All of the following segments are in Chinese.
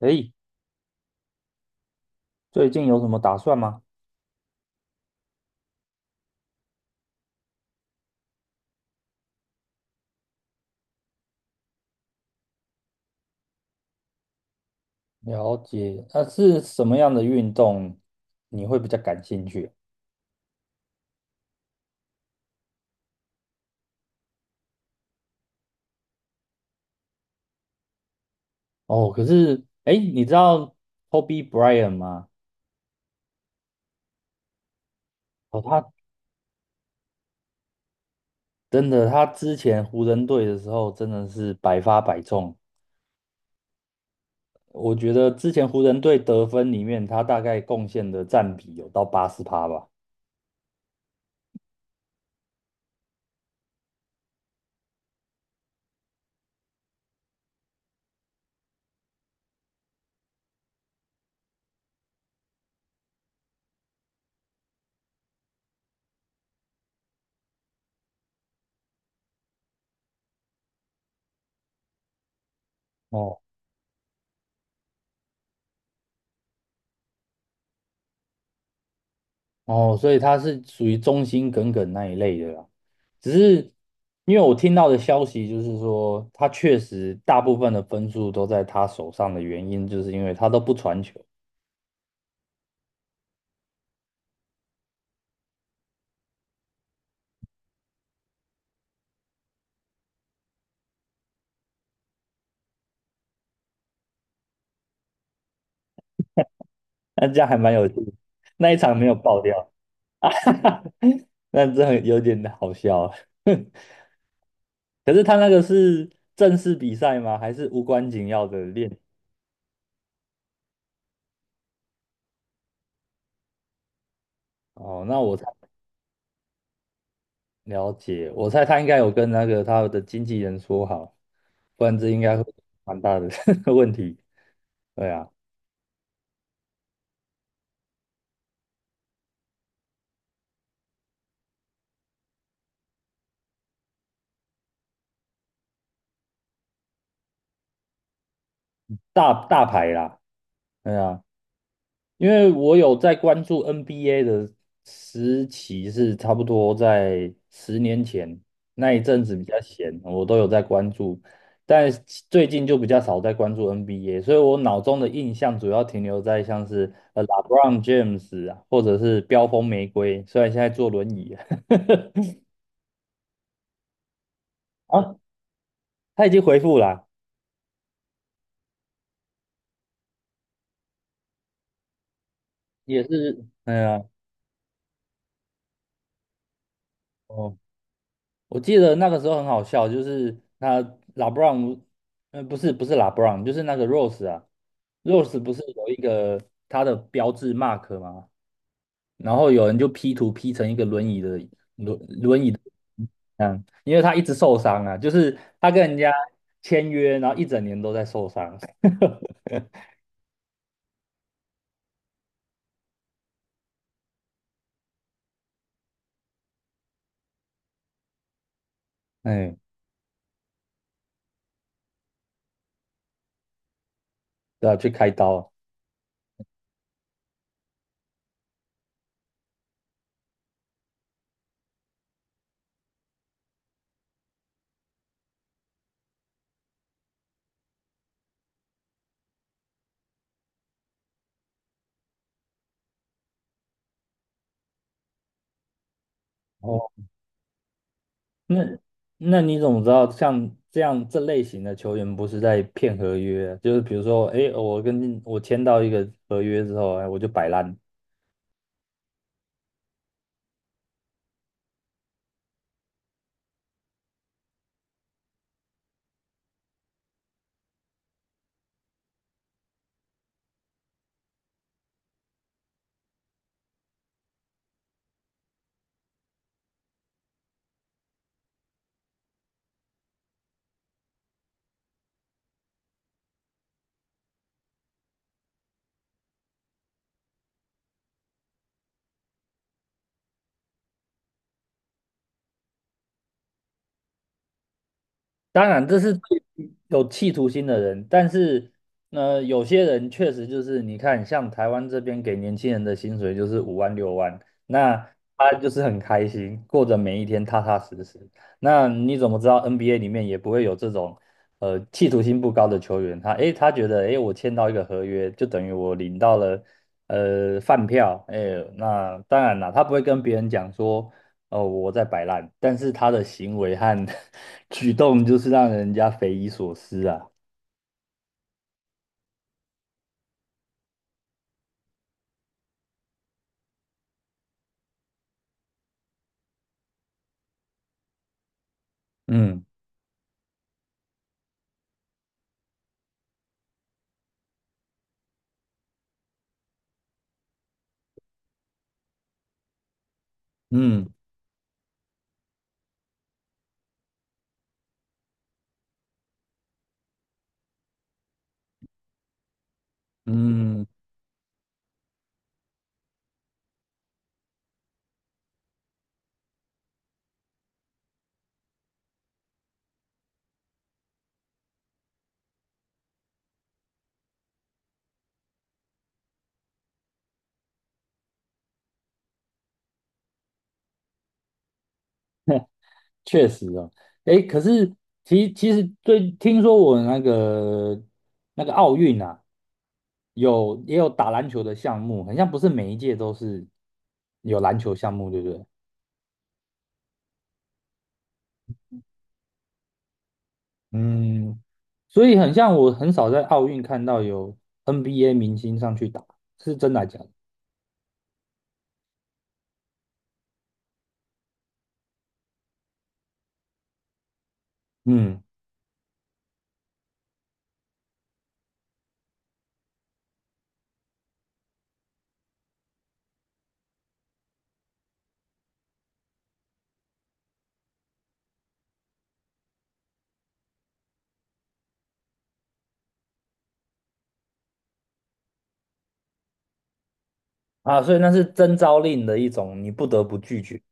诶，最近有什么打算吗？了解，那，是什么样的运动你会比较感兴趣？哦，可是，诶，你知道 Kobe Bryant 吗？哦，他真的，他之前湖人队的时候真的是百发百中。我觉得之前湖人队得分里面，他大概贡献的占比有到80%吧。哦，哦，所以他是属于忠心耿耿那一类的啦。只是因为我听到的消息就是说，他确实大部分的分数都在他手上的原因，就是因为他都不传球。那这样还蛮有趣的，那一场没有爆掉。那这很有点好笑啊。可是他那个是正式比赛吗？还是无关紧要的练习？哦，那我才。了解，我猜他应该有跟那个他的经纪人说好，不然这应该会蛮大的 问题。对啊，大大牌啦，对啊，因为我有在关注 NBA 的时期是差不多在10年前，那一阵子比较闲，我都有在关注，但是最近就比较少在关注 NBA,所以我脑中的印象主要停留在像是LeBron James 啊，或者是飙风玫瑰，虽然现在坐轮椅。 啊，他已经回复啦，也是，哎呀，哦，我记得那个时候很好笑，就是他拉布朗，呃，不是拉布朗，就是那个 Rose 啊，Rose 不是有一个他的标志 mark 吗？然后有人就 P 图 P 成一个轮椅的，轮椅的。嗯，因为他一直受伤啊，就是他跟人家签约，然后一整年都在受伤。哎，对啊，去开刀，然后那那你怎么知道像这样这类型的球员不是在骗合约啊？就是比如说，哎，我跟我签到一个合约之后，哎，我就摆烂。当然，这是对有企图心的人，但是呢，有些人确实就是你看，像台湾这边给年轻人的薪水就是5万6万，那他就是很开心，过着每一天踏踏实实。那你怎么知道 NBA 里面也不会有这种企图心不高的球员？他诶，他觉得诶，我签到一个合约，就等于我领到了饭票，诶，那当然啦，他不会跟别人讲说，哦，我在摆烂，但是他的行为和 举动就是让人家匪夷所思啊。嗯嗯嗯，确实哦。诶，可是其实最听说我那个那个奥运啊，有也有打篮球的项目，好像不是每一届都是有篮球项目，对不对？嗯，所以很像我很少在奥运看到有 NBA 明星上去打，是真的还假的？嗯。啊，所以那是征召令的一种，你不得不拒绝。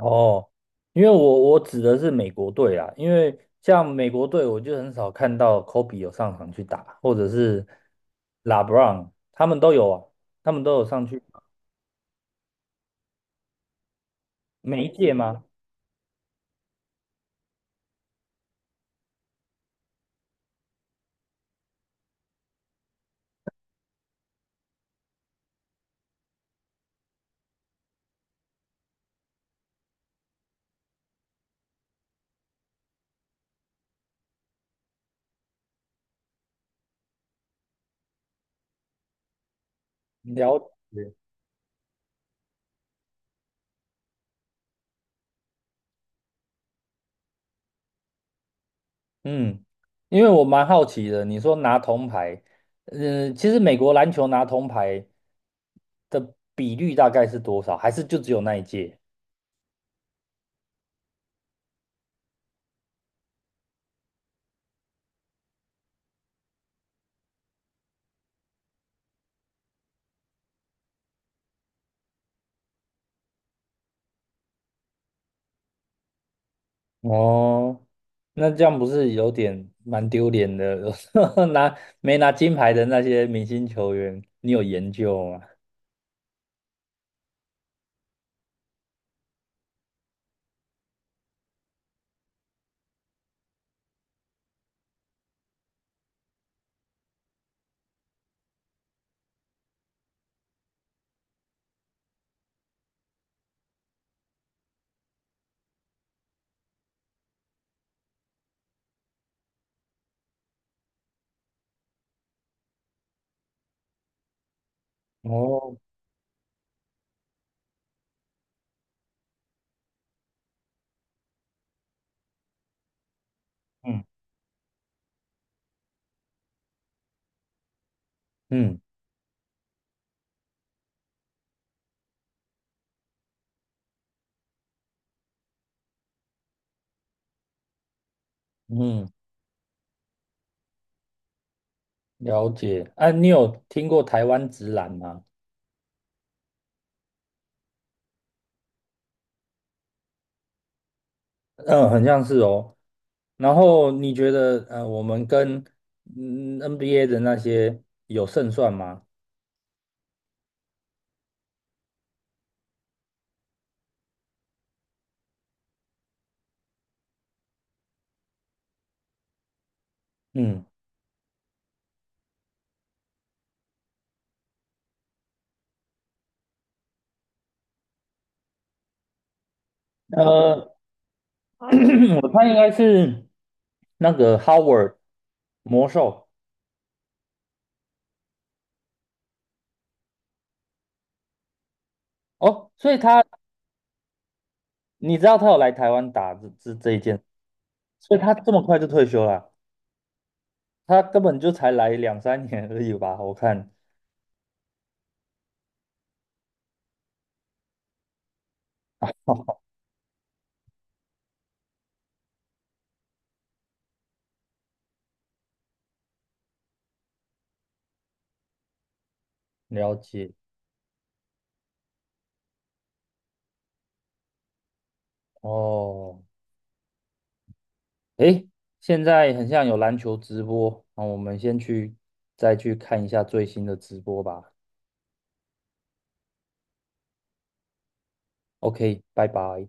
哦，因为我指的是美国队啦，因为像美国队，我就很少看到 Kobe 有上场去打，或者是 LeBron,他们都有啊，他们都有上去。每一届吗？了解。嗯，因为我蛮好奇的，你说拿铜牌。嗯，其实美国篮球拿铜牌的比率大概是多少？还是就只有那一届？哦，那这样不是有点蛮丢脸的？拿没拿金牌的那些明星球员，你有研究吗？哦。嗯嗯嗯，了解。啊，你有听过台湾直篮吗？嗯，很像是哦。然后你觉得，我们跟嗯 NBA 的那些有胜算吗？嗯。呃，我猜应该是那个 Howard 魔兽。哦，所以他你知道他有来台湾打这一件，所以他这么快就退休了，他根本就才来两三年而已吧？我看了解哦。诶，现在很像有篮球直播，那我们先去再去看一下最新的直播吧。OK,拜拜。